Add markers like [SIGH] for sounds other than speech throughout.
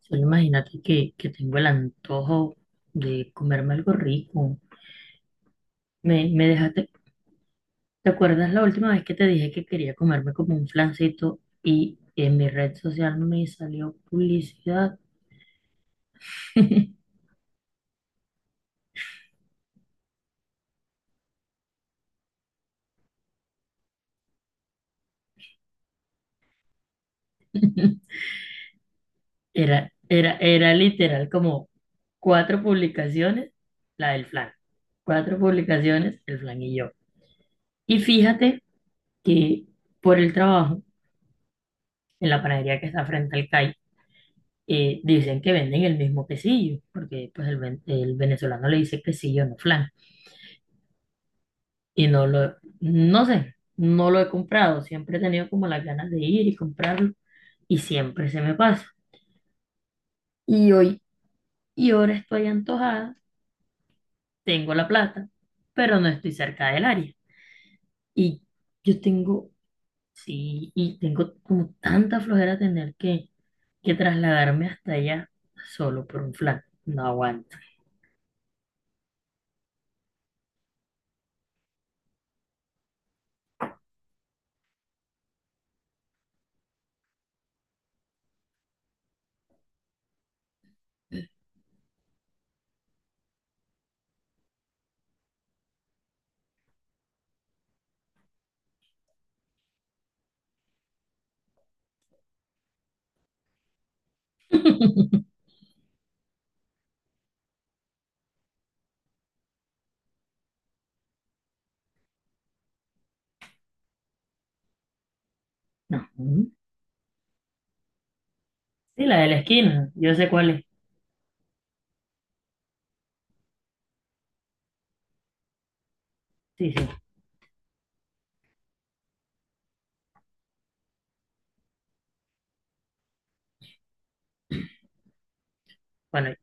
Solo imagínate que tengo el antojo de comerme algo rico. Me dejaste. ¿Te acuerdas la última vez que te dije que quería comerme como un flancito y en mi red social me salió publicidad? [LAUGHS] Era literal como cuatro publicaciones, la del flan. Cuatro publicaciones, el flan y yo. Y fíjate que por el trabajo, en la panadería que está frente al CAI, dicen que venden el mismo quesillo, porque pues el venezolano le dice quesillo, no flan. Y no sé, no lo he comprado, siempre he tenido como las ganas de ir y comprarlo y siempre se me pasa. Y hoy, y ahora estoy antojada, tengo la plata, pero no estoy cerca del área. Y yo tengo, sí, y tengo como tanta flojera tener que trasladarme hasta allá solo por un flan. No aguanto. No. Sí, la de la esquina, yo sé cuál es. Sí, sí. Bueno,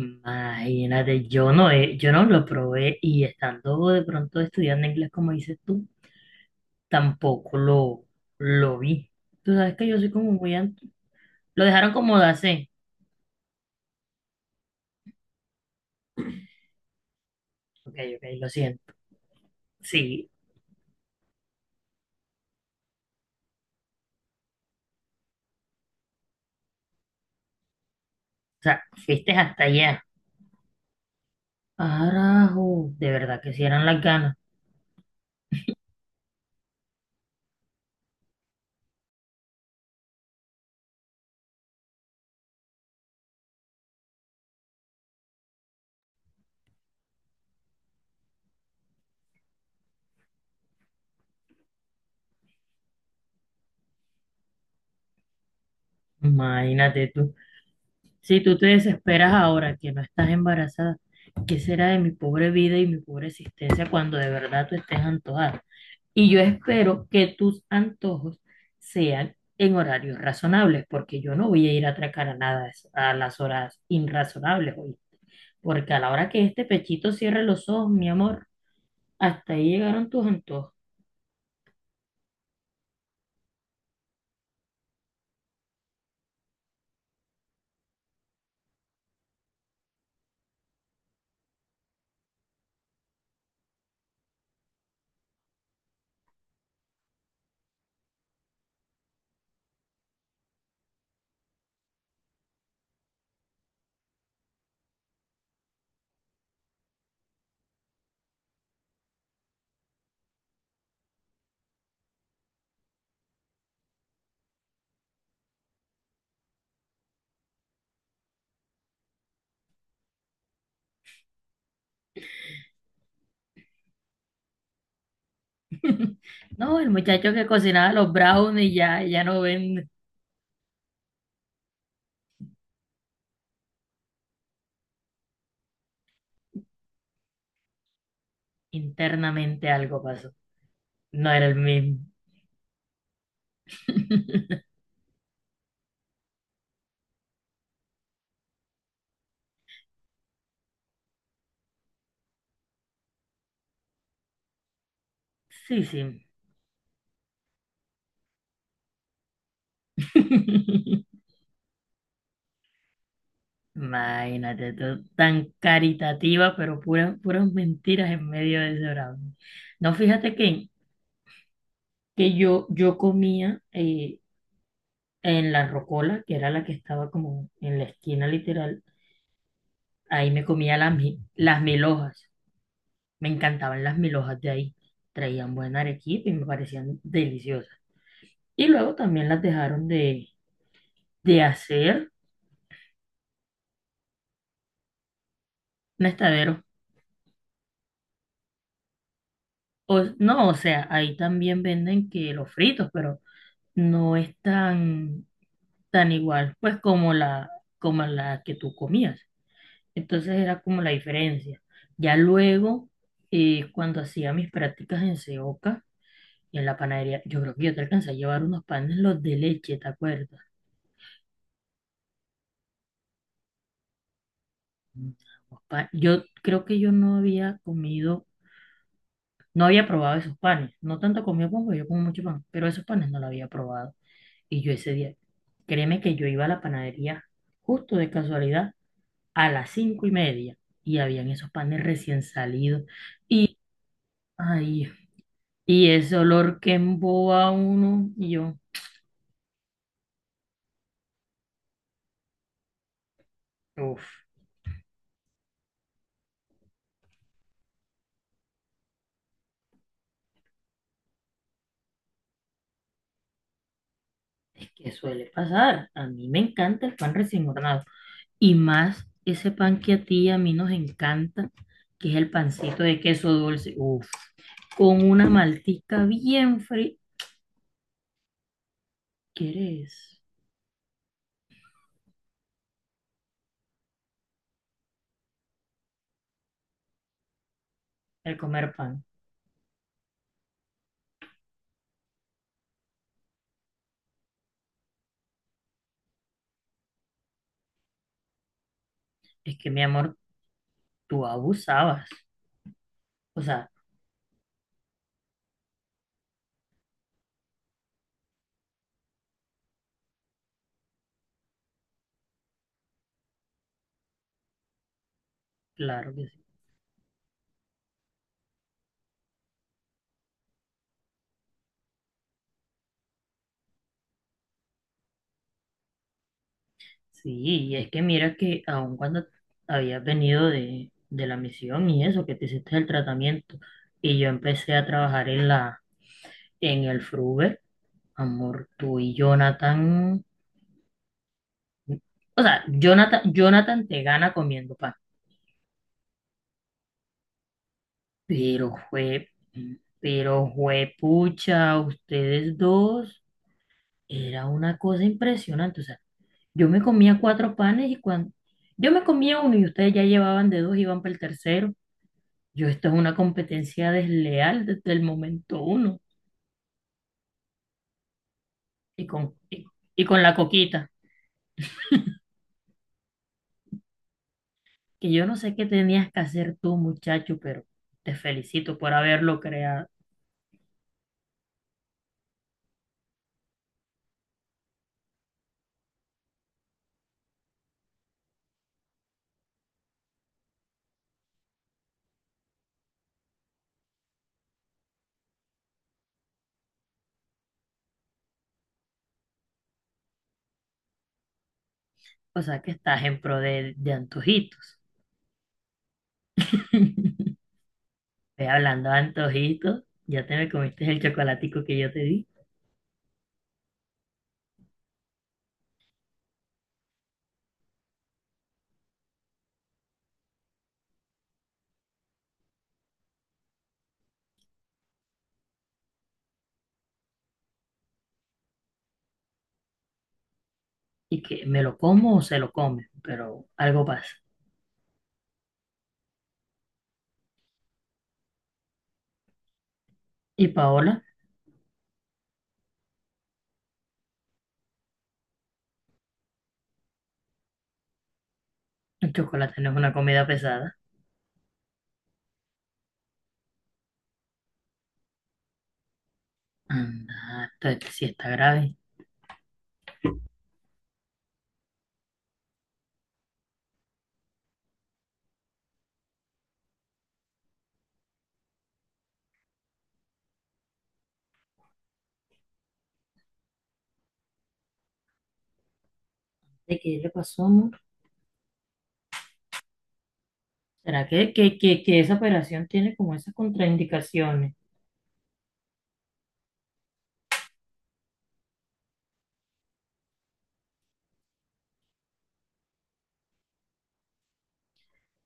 imagínate, yo no lo probé y estando de pronto estudiando inglés como dices tú, tampoco lo vi. Tú sabes que yo soy como muy anti. Lo dejaron como de hacer. Ok, ok, lo siento. Sí, o sea, fuiste hasta allá. Ah, carajo, de verdad que si eran las ganas. Imagínate tú. Si tú te desesperas ahora que no estás embarazada, ¿qué será de mi pobre vida y mi pobre existencia cuando de verdad tú estés antojada? Y yo espero que tus antojos sean en horarios razonables, porque yo no voy a ir a atracar a nada a las horas irrazonables hoy. Porque a la hora que este pechito cierre los ojos, mi amor, hasta ahí llegaron tus antojos. [LAUGHS] No, el muchacho que cocinaba los brownies ya no ven internamente algo pasó. No era el mismo. [LAUGHS] Sí, sí. [LAUGHS] Imagínate, tú tan caritativa, pero puras, puras mentiras en medio de ese brownie. No, fíjate que yo comía en la rocola, que era la que estaba como en la esquina literal, ahí me comía las mil hojas. Me encantaban las mil hojas de ahí. Traían buena arequipe y me parecían deliciosas. Y luego también las dejaron de hacer nestaderos. O, no, o sea, ahí también venden que los fritos, pero no es tan igual, pues como como la que tú comías. Entonces era como la diferencia. Ya luego, cuando hacía mis prácticas en Seoca, en la panadería, yo creo que yo te alcancé a llevar unos panes, los de leche, ¿te acuerdas? Mm, Yo creo que yo no había comido, no había probado esos panes, no tanto comía pan, porque yo como mucho pan, pero esos panes no los había probado. Y yo ese día, créeme que yo iba a la panadería justo de casualidad a las 5:30 y habían esos panes recién salidos y, ay, y ese olor que emboba a uno y yo, uff, es que suele pasar. A mí me encanta el pan recién hornado y más ese pan que a ti y a mí nos encanta, que es el pancito de queso dulce, uff, con una maltica bien fría. ¿Quieres el comer pan? Es que mi amor, tú abusabas. O sea, claro que sí, y es que mira que aun cuando habías venido de la misión y eso, que te hiciste el tratamiento, y yo empecé a trabajar en en el Fruber, amor, tú y Jonathan, o sea, Jonathan te gana comiendo pan, pero fue, pero fue pucha, ustedes dos, era una cosa impresionante, o sea, yo me comía cuatro panes y yo me comía uno y ustedes ya llevaban de dos, iban para el tercero. Yo, esto es una competencia desleal desde el momento uno. Y con, y, y con la coquita, que yo no sé qué tenías que hacer tú, muchacho, pero te felicito por haberlo creado. O sea, que estás en pro de antojitos. [LAUGHS] Ve hablando de antojitos, ya te me comiste el chocolatico que yo te di. Y que me lo como o se lo come, pero algo pasa. Y Paola, el chocolate no es una comida pesada. Anda, entonces sí está grave. ¿De qué le pasó, amor? ¿Será que esa operación tiene como esas contraindicaciones?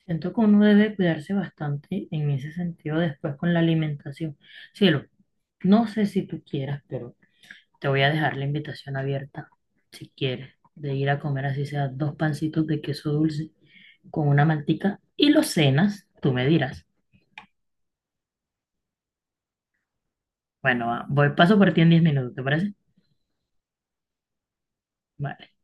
Siento que uno debe cuidarse bastante en ese sentido después con la alimentación. Cielo, no sé si tú quieras, pero te voy a dejar la invitación abierta, si quieres, de ir a comer así sea dos pancitos de queso dulce con una mantica y los cenas, tú me dirás. Bueno, va, voy paso por ti en 10 minutos, ¿te parece? Vale.